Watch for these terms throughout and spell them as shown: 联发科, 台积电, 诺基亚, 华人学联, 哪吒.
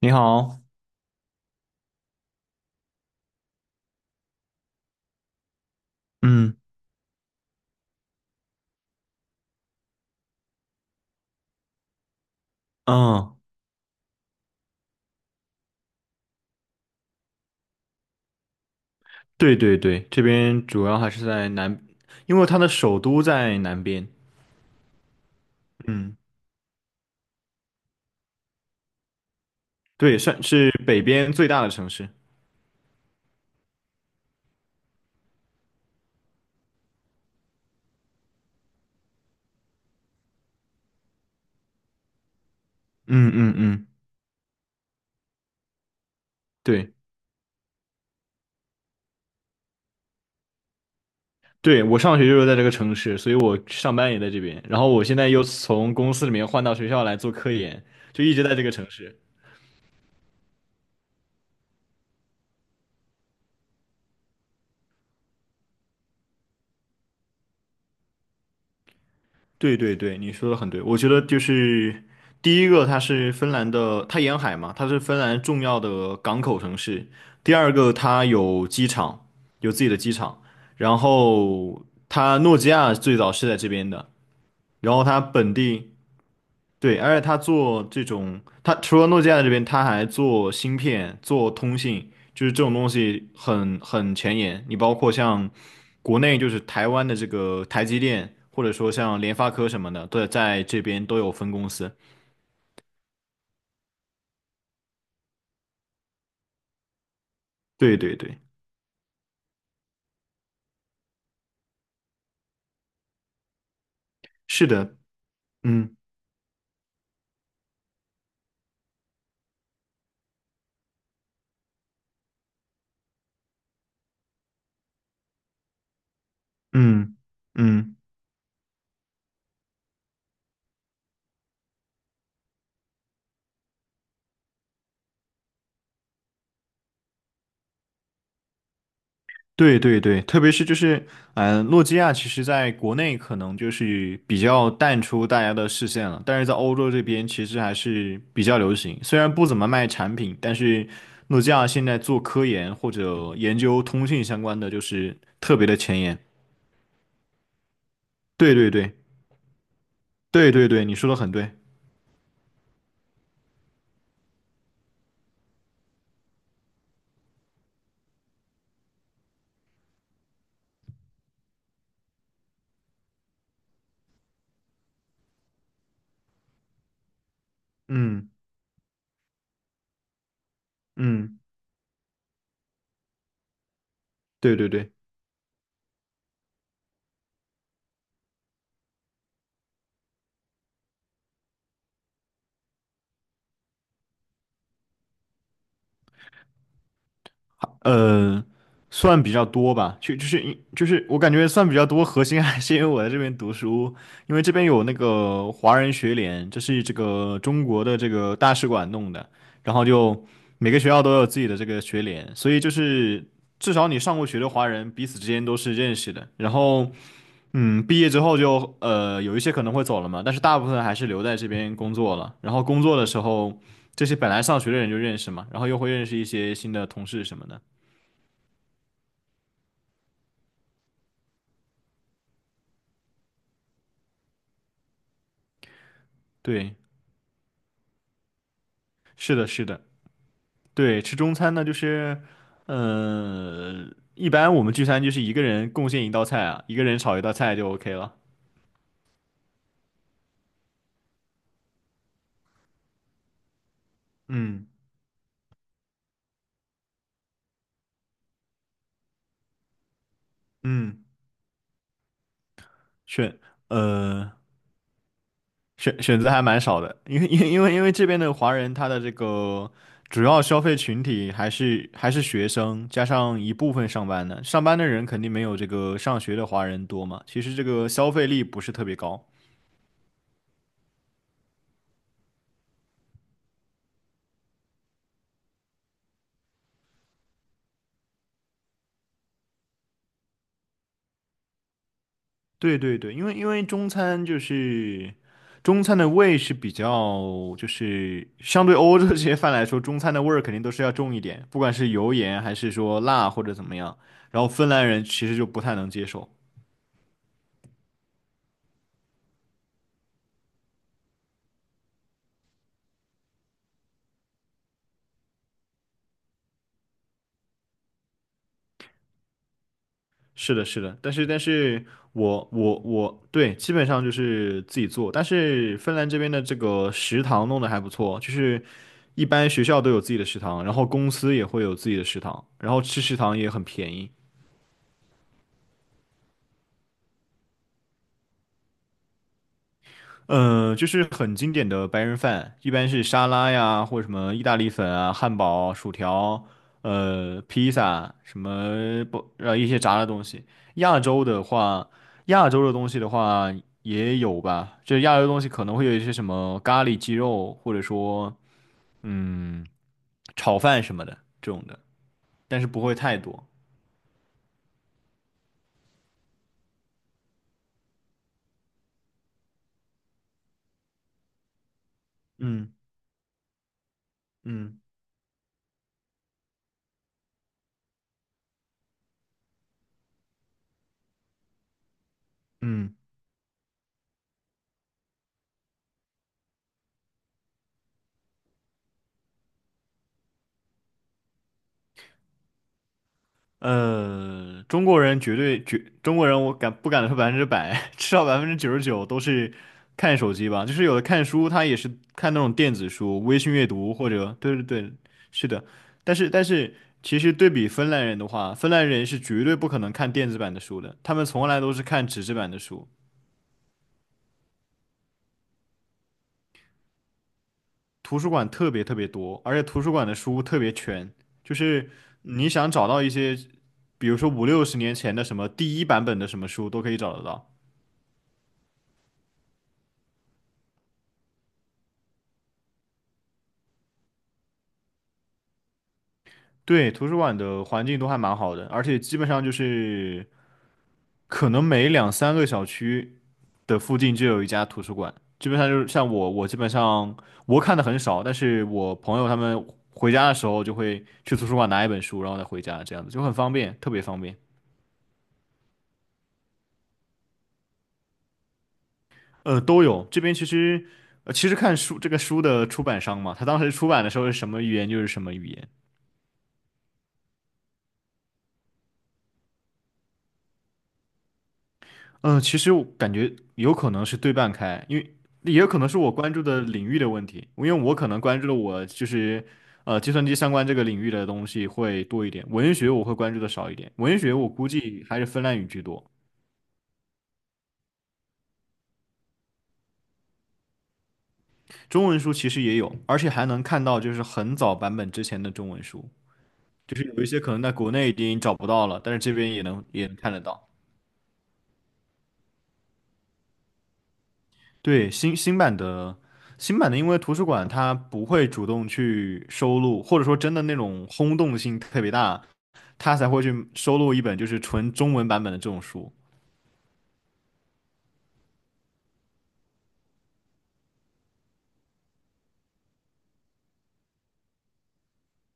你好。嗯嗯，对对对，这边主要还是在南，因为它的首都在南边。嗯，对，算是北边最大的城市。嗯嗯嗯，对对，我上学就是在这个城市，所以我上班也在这边，然后我现在又从公司里面换到学校来做科研，就一直在这个城市。对对对，你说的很对。我觉得就是第一个，它是芬兰的，它沿海嘛，它是芬兰重要的港口城市。第二个，它有机场，有自己的机场。然后它诺基亚最早是在这边的，然后它本地。对，而且他做这种，他除了诺基亚这边，他还做芯片、做通信，就是这种东西很前沿。你包括像国内就是台湾的这个台积电，或者说像联发科什么的，都在这边都有分公司。对对对，是的，嗯嗯嗯。对对对，特别是就是，诺基亚其实在国内可能就是比较淡出大家的视线了，但是在欧洲这边其实还是比较流行。虽然不怎么卖产品，但是诺基亚现在做科研或者研究通信相关的，就是特别的前沿。对对对对对对，你说的很对。嗯嗯，对对对。呃，算比较多吧，就是就是我感觉算比较多，核心还是因为我在这边读书，因为这边有那个华人学联，这是这个中国的这个大使馆弄的，然后就每个学校都有自己的这个学联，所以就是至少你上过学的华人彼此之间都是认识的，然后嗯，毕业之后就有一些可能会走了嘛，但是大部分还是留在这边工作了，然后工作的时候这些本来上学的人就认识嘛，然后又会认识一些新的同事什么的。对，是的，是的，对，吃中餐呢，就是，呃，一般我们聚餐就是一个人贡献一道菜啊，一个人炒一道菜就 OK 了。嗯嗯，选呃选择还蛮少的，因为这边的华人他的这个主要消费群体还是学生，加上一部分上班的，上班的人肯定没有这个上学的华人多嘛，其实这个消费力不是特别高。对对对，因为中餐就是中餐的味是比较，就是相对欧洲这些饭来说，中餐的味儿肯定都是要重一点，不管是油盐还是说辣或者怎么样。然后芬兰人其实就不太能接受。是的，是的，但是我对，基本上就是自己做，但是芬兰这边的这个食堂弄得还不错，就是一般学校都有自己的食堂，然后公司也会有自己的食堂，然后吃食堂也很便宜。嗯，就是很经典的白人饭，一般是沙拉呀，或者什么意大利粉啊、汉堡、薯条，披萨，什么不，一些炸的东西。亚洲的话，亚洲的东西的话也有吧，这亚洲的东西可能会有一些什么咖喱鸡肉，或者说嗯，炒饭什么的这种的，但是不会太多。嗯嗯嗯。中国人绝对绝，中国人我敢不敢说百分之百，至少百分之九十九都是看手机吧。就是有的看书，他也是看那种电子书、微信阅读或者，对对对，是的。但是但是，其实对比芬兰人的话，芬兰人是绝对不可能看电子版的书的，他们从来都是看纸质版的书。图书馆特别特别多，而且图书馆的书特别全，就是你想找到一些，比如说五六十年前的什么第一版本的什么书都可以找得到。对，图书馆的环境都还蛮好的，而且基本上就是可能每两三个小区的附近就有一家图书馆。基本上就是像我，我基本上我看的很少，但是我朋友他们回家的时候就会去图书馆拿一本书，然后再回家，这样子就很方便，特别方便。都有。这边其实，其实看书这个书的出版商嘛，他当时出版的时候是什么语言就是什么语言。嗯，其实我感觉有可能是对半开，因为也有可能是我关注的领域的问题，因为我可能关注的我就是计算机相关这个领域的东西会多一点，文学我会关注的少一点，文学我估计还是芬兰语居多。中文书其实也有，而且还能看到就是很早版本之前的中文书，就是有一些可能在国内已经找不到了，但是这边也能看得到。对，新版的，因为图书馆它不会主动去收录，或者说真的那种轰动性特别大，它才会去收录一本就是纯中文版本的这种书。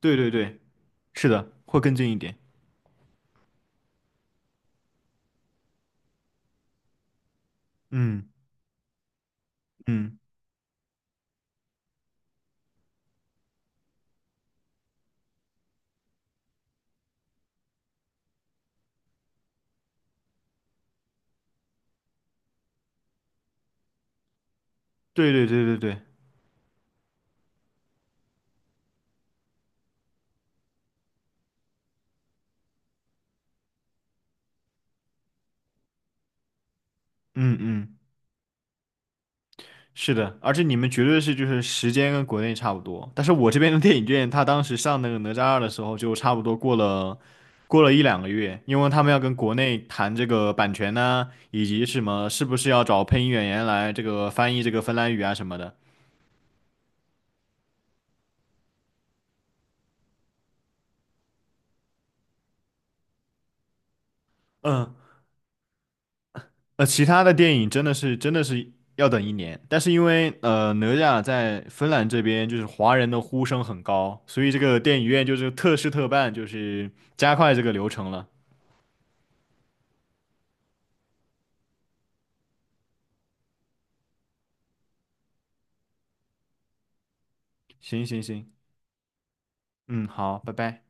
对对对，是的，会更近一点。嗯嗯，对对对对对，嗯嗯。是的，而且你们绝对是就是时间跟国内差不多，但是我这边的电影院，他当时上那个哪吒二的时候，就差不多过了一两个月，因为他们要跟国内谈这个版权呐、以及什么是不是要找配音演员来这个翻译这个芬兰语啊什么的。嗯，其他的电影真的是要等一年，但是因为哪吒在芬兰这边就是华人的呼声很高，所以这个电影院就是特事特办，就是加快这个流程了。行行行。嗯，好，拜拜。